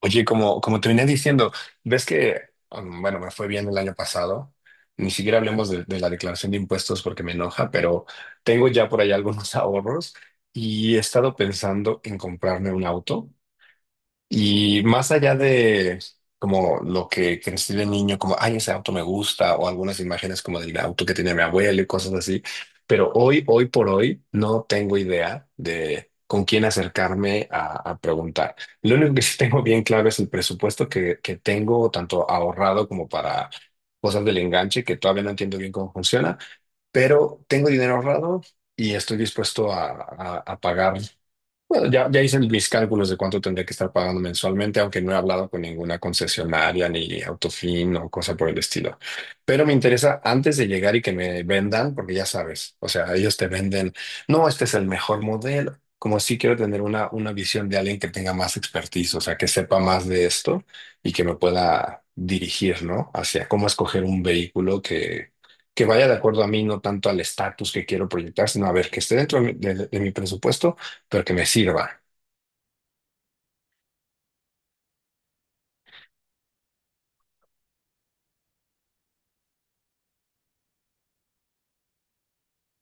Oye, como te venía diciendo, ves que, bueno, me fue bien el año pasado. Ni siquiera hablemos de la declaración de impuestos porque me enoja, pero tengo ya por ahí algunos ahorros y he estado pensando en comprarme un auto. Y más allá de como lo que crecí de niño, como, ay, ese auto me gusta, o algunas imágenes como del auto que tenía mi abuelo y cosas así, pero hoy por hoy, no tengo idea de con quién acercarme a preguntar. Lo único que sí tengo bien claro es el presupuesto que tengo, tanto ahorrado como para cosas del enganche, que todavía no entiendo bien cómo funciona, pero tengo dinero ahorrado y estoy dispuesto a pagar. Bueno, ya hice mis cálculos de cuánto tendría que estar pagando mensualmente, aunque no he hablado con ninguna concesionaria ni Autofin o cosa por el estilo. Pero me interesa antes de llegar y que me vendan, porque ya sabes, o sea, ellos te venden, no, este es el mejor modelo. Como si quiero tener una visión de alguien que tenga más expertise, o sea, que sepa más de esto y que me pueda dirigir, ¿no? Hacia cómo escoger un vehículo que vaya de acuerdo a mí, no tanto al estatus que quiero proyectar, sino a ver, que esté dentro de mi de mi presupuesto pero que me sirva.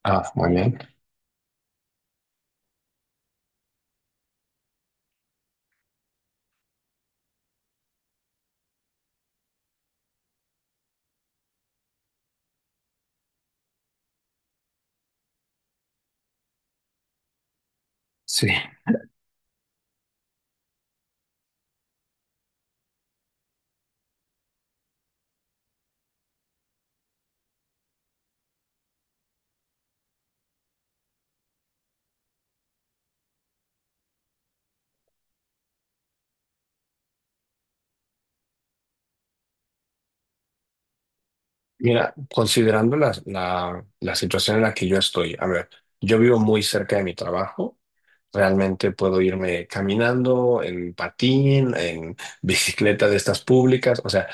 Ah, muy bien. Sí. Mira, considerando la situación en la que yo estoy, a ver, yo vivo muy cerca de mi trabajo. Realmente puedo irme caminando, en patín, en bicicleta de estas públicas. O sea,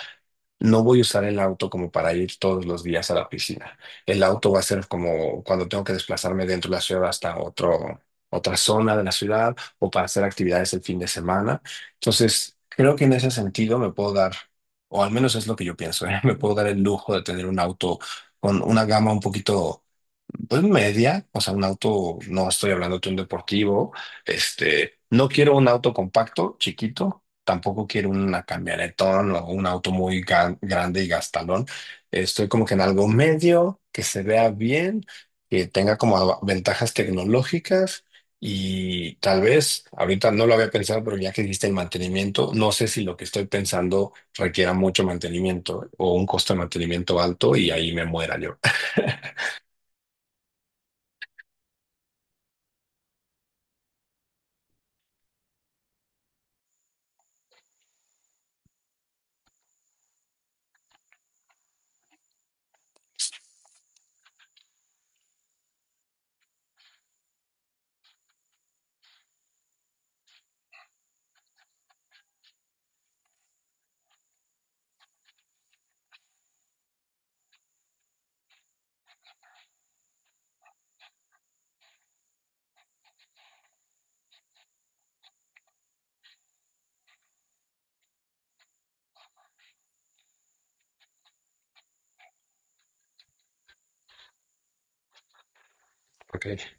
no voy a usar el auto como para ir todos los días a la piscina. El auto va a ser como cuando tengo que desplazarme dentro de la ciudad hasta otra zona de la ciudad o para hacer actividades el fin de semana. Entonces, creo que en ese sentido me puedo dar, o al menos es lo que yo pienso, ¿eh? Me puedo dar el lujo de tener un auto con una gama un poquito pues media, o sea, un auto, no estoy hablando de un deportivo, este, no quiero un auto compacto, chiquito, tampoco quiero una camionetón o un auto muy grande y gastalón. Estoy como que en algo medio, que se vea bien, que tenga como ventajas tecnológicas y tal vez, ahorita no lo había pensado, pero ya que dijiste el mantenimiento, no sé si lo que estoy pensando requiera mucho mantenimiento o un costo de mantenimiento alto y ahí me muera yo. Ok,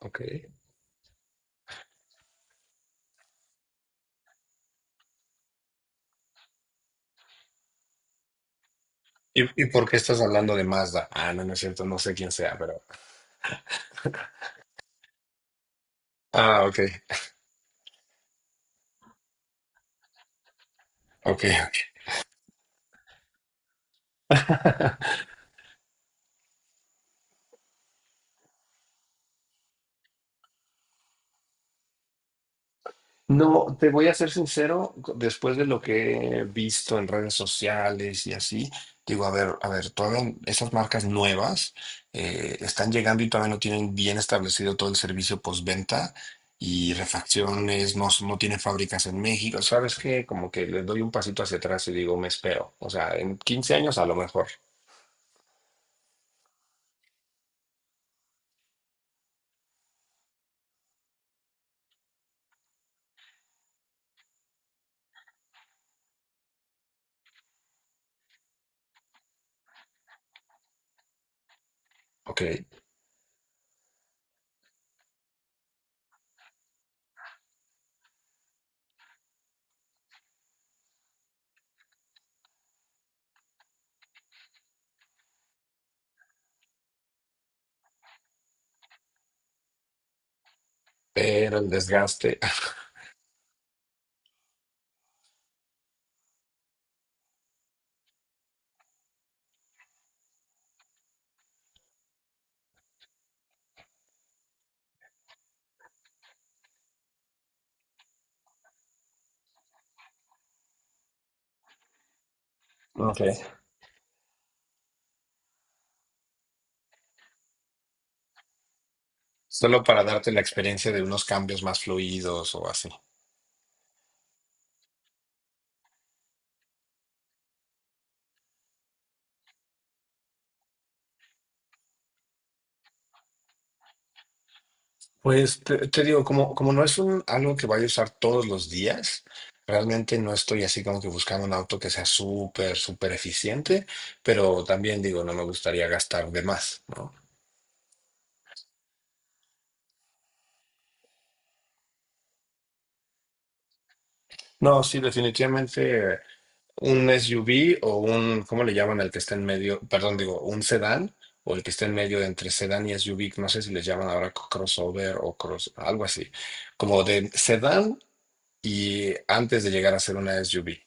ok. ¿Y por qué estás hablando de Mazda? Ah, no, no es cierto, no sé quién sea, pero... Ah, ok, ok, ok. No, te voy a ser sincero, después de lo que he visto en redes sociales y así, digo, a ver, todavía esas marcas nuevas están llegando y todavía no tienen bien establecido todo el servicio postventa y refacciones, no, no tienen fábricas en México, ¿sabes qué? Como que les doy un pasito hacia atrás y digo, me espero. O sea, en 15 años a lo mejor, ok, pero el desgaste. Ok. Solo para darte la experiencia de unos cambios más fluidos o así. Pues te digo, como no es un, algo que vaya a usar todos los días, realmente no estoy así como que buscando un auto que sea súper, súper eficiente, pero también digo, no me gustaría gastar de más, ¿no? No, sí, definitivamente un SUV o un, ¿cómo le llaman al que está en medio? Perdón, digo, un sedán o el que está en medio de entre sedán y SUV, no sé si les llaman ahora crossover o cross, algo así, como de sedán y antes de llegar a ser una SUV.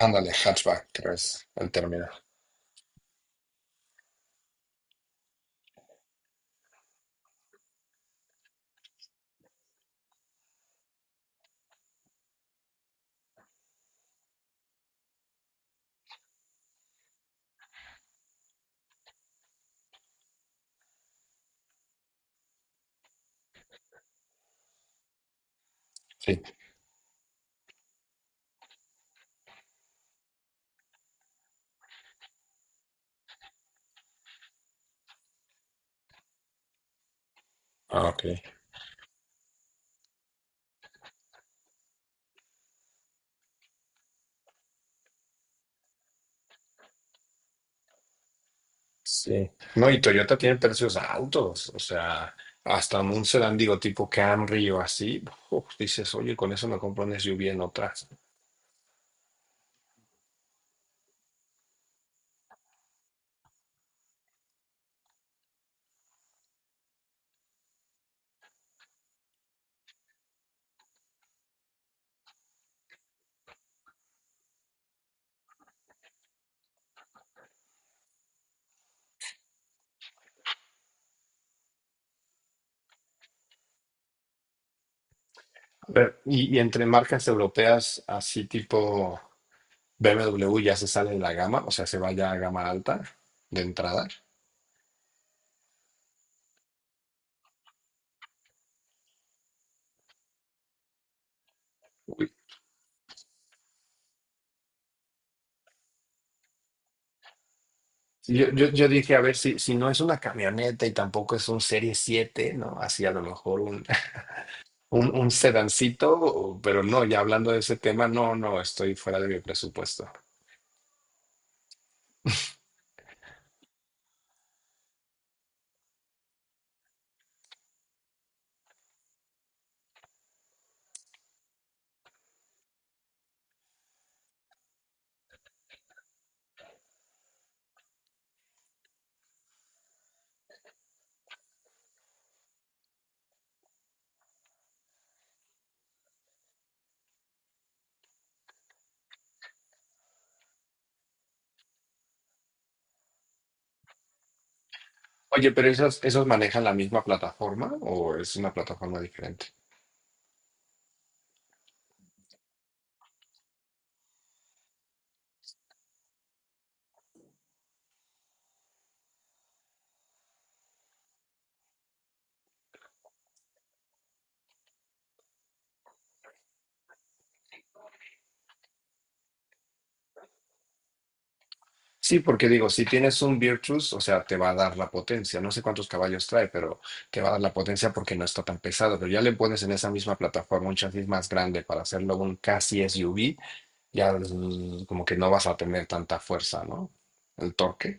Ándale, hatchback, creo es el término. Sí. Ah, ok. Sí. No, y Toyota tiene precios altos, o sea, hasta un sedán, digo, tipo Camry o así, uf, dices, oye, con eso me compro un SUV en otra. Y entre marcas europeas, así tipo BMW ya se sale de la gama, o sea, se va ya a gama alta de entrada. Uy. Yo dije, a ver, si, si no es una camioneta y tampoco es un Serie 7, ¿no? Así a lo mejor un sedancito, pero no, ya hablando de ese tema, no, no, estoy fuera de mi presupuesto. ¿Oye, pero esos manejan la misma plataforma o es una plataforma diferente? Sí, porque digo, si tienes un Virtus, o sea, te va a dar la potencia. No sé cuántos caballos trae, pero te va a dar la potencia porque no está tan pesado. Pero ya le pones en esa misma plataforma un chasis más grande para hacerlo un casi SUV, ya como que no vas a tener tanta fuerza, ¿no? El torque.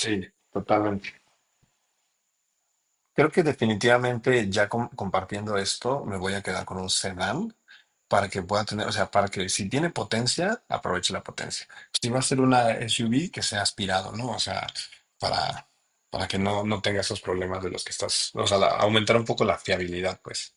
Sí, totalmente. Creo que definitivamente ya compartiendo esto, me voy a quedar con un sedán para que pueda tener, o sea, para que si tiene potencia, aproveche la potencia. Si va a ser una SUV, que sea aspirado, ¿no? O sea, para, para que no, no tenga esos problemas de los que estás, o sea, aumentar un poco la fiabilidad, pues.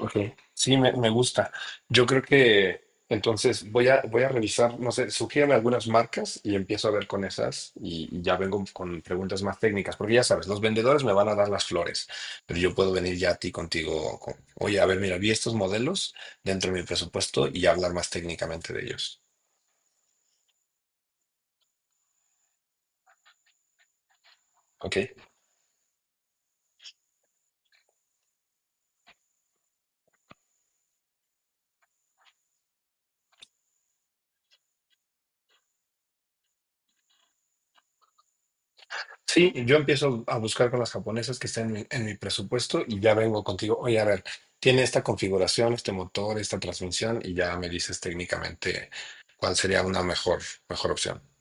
Ok, sí, me gusta. Yo creo que entonces voy a revisar, no sé, sugiérame algunas marcas y empiezo a ver con esas y ya vengo con preguntas más técnicas, porque ya sabes, los vendedores me van a dar las flores, pero yo puedo venir ya a ti contigo, con, oye, a ver, mira, vi estos modelos dentro de mi presupuesto y hablar más técnicamente de ellos. Ok, sí, yo empiezo a buscar con las japonesas que estén en mi presupuesto y ya vengo contigo. Oye, a ver, tiene esta configuración, este motor, esta transmisión y ya me dices técnicamente cuál sería una mejor opción.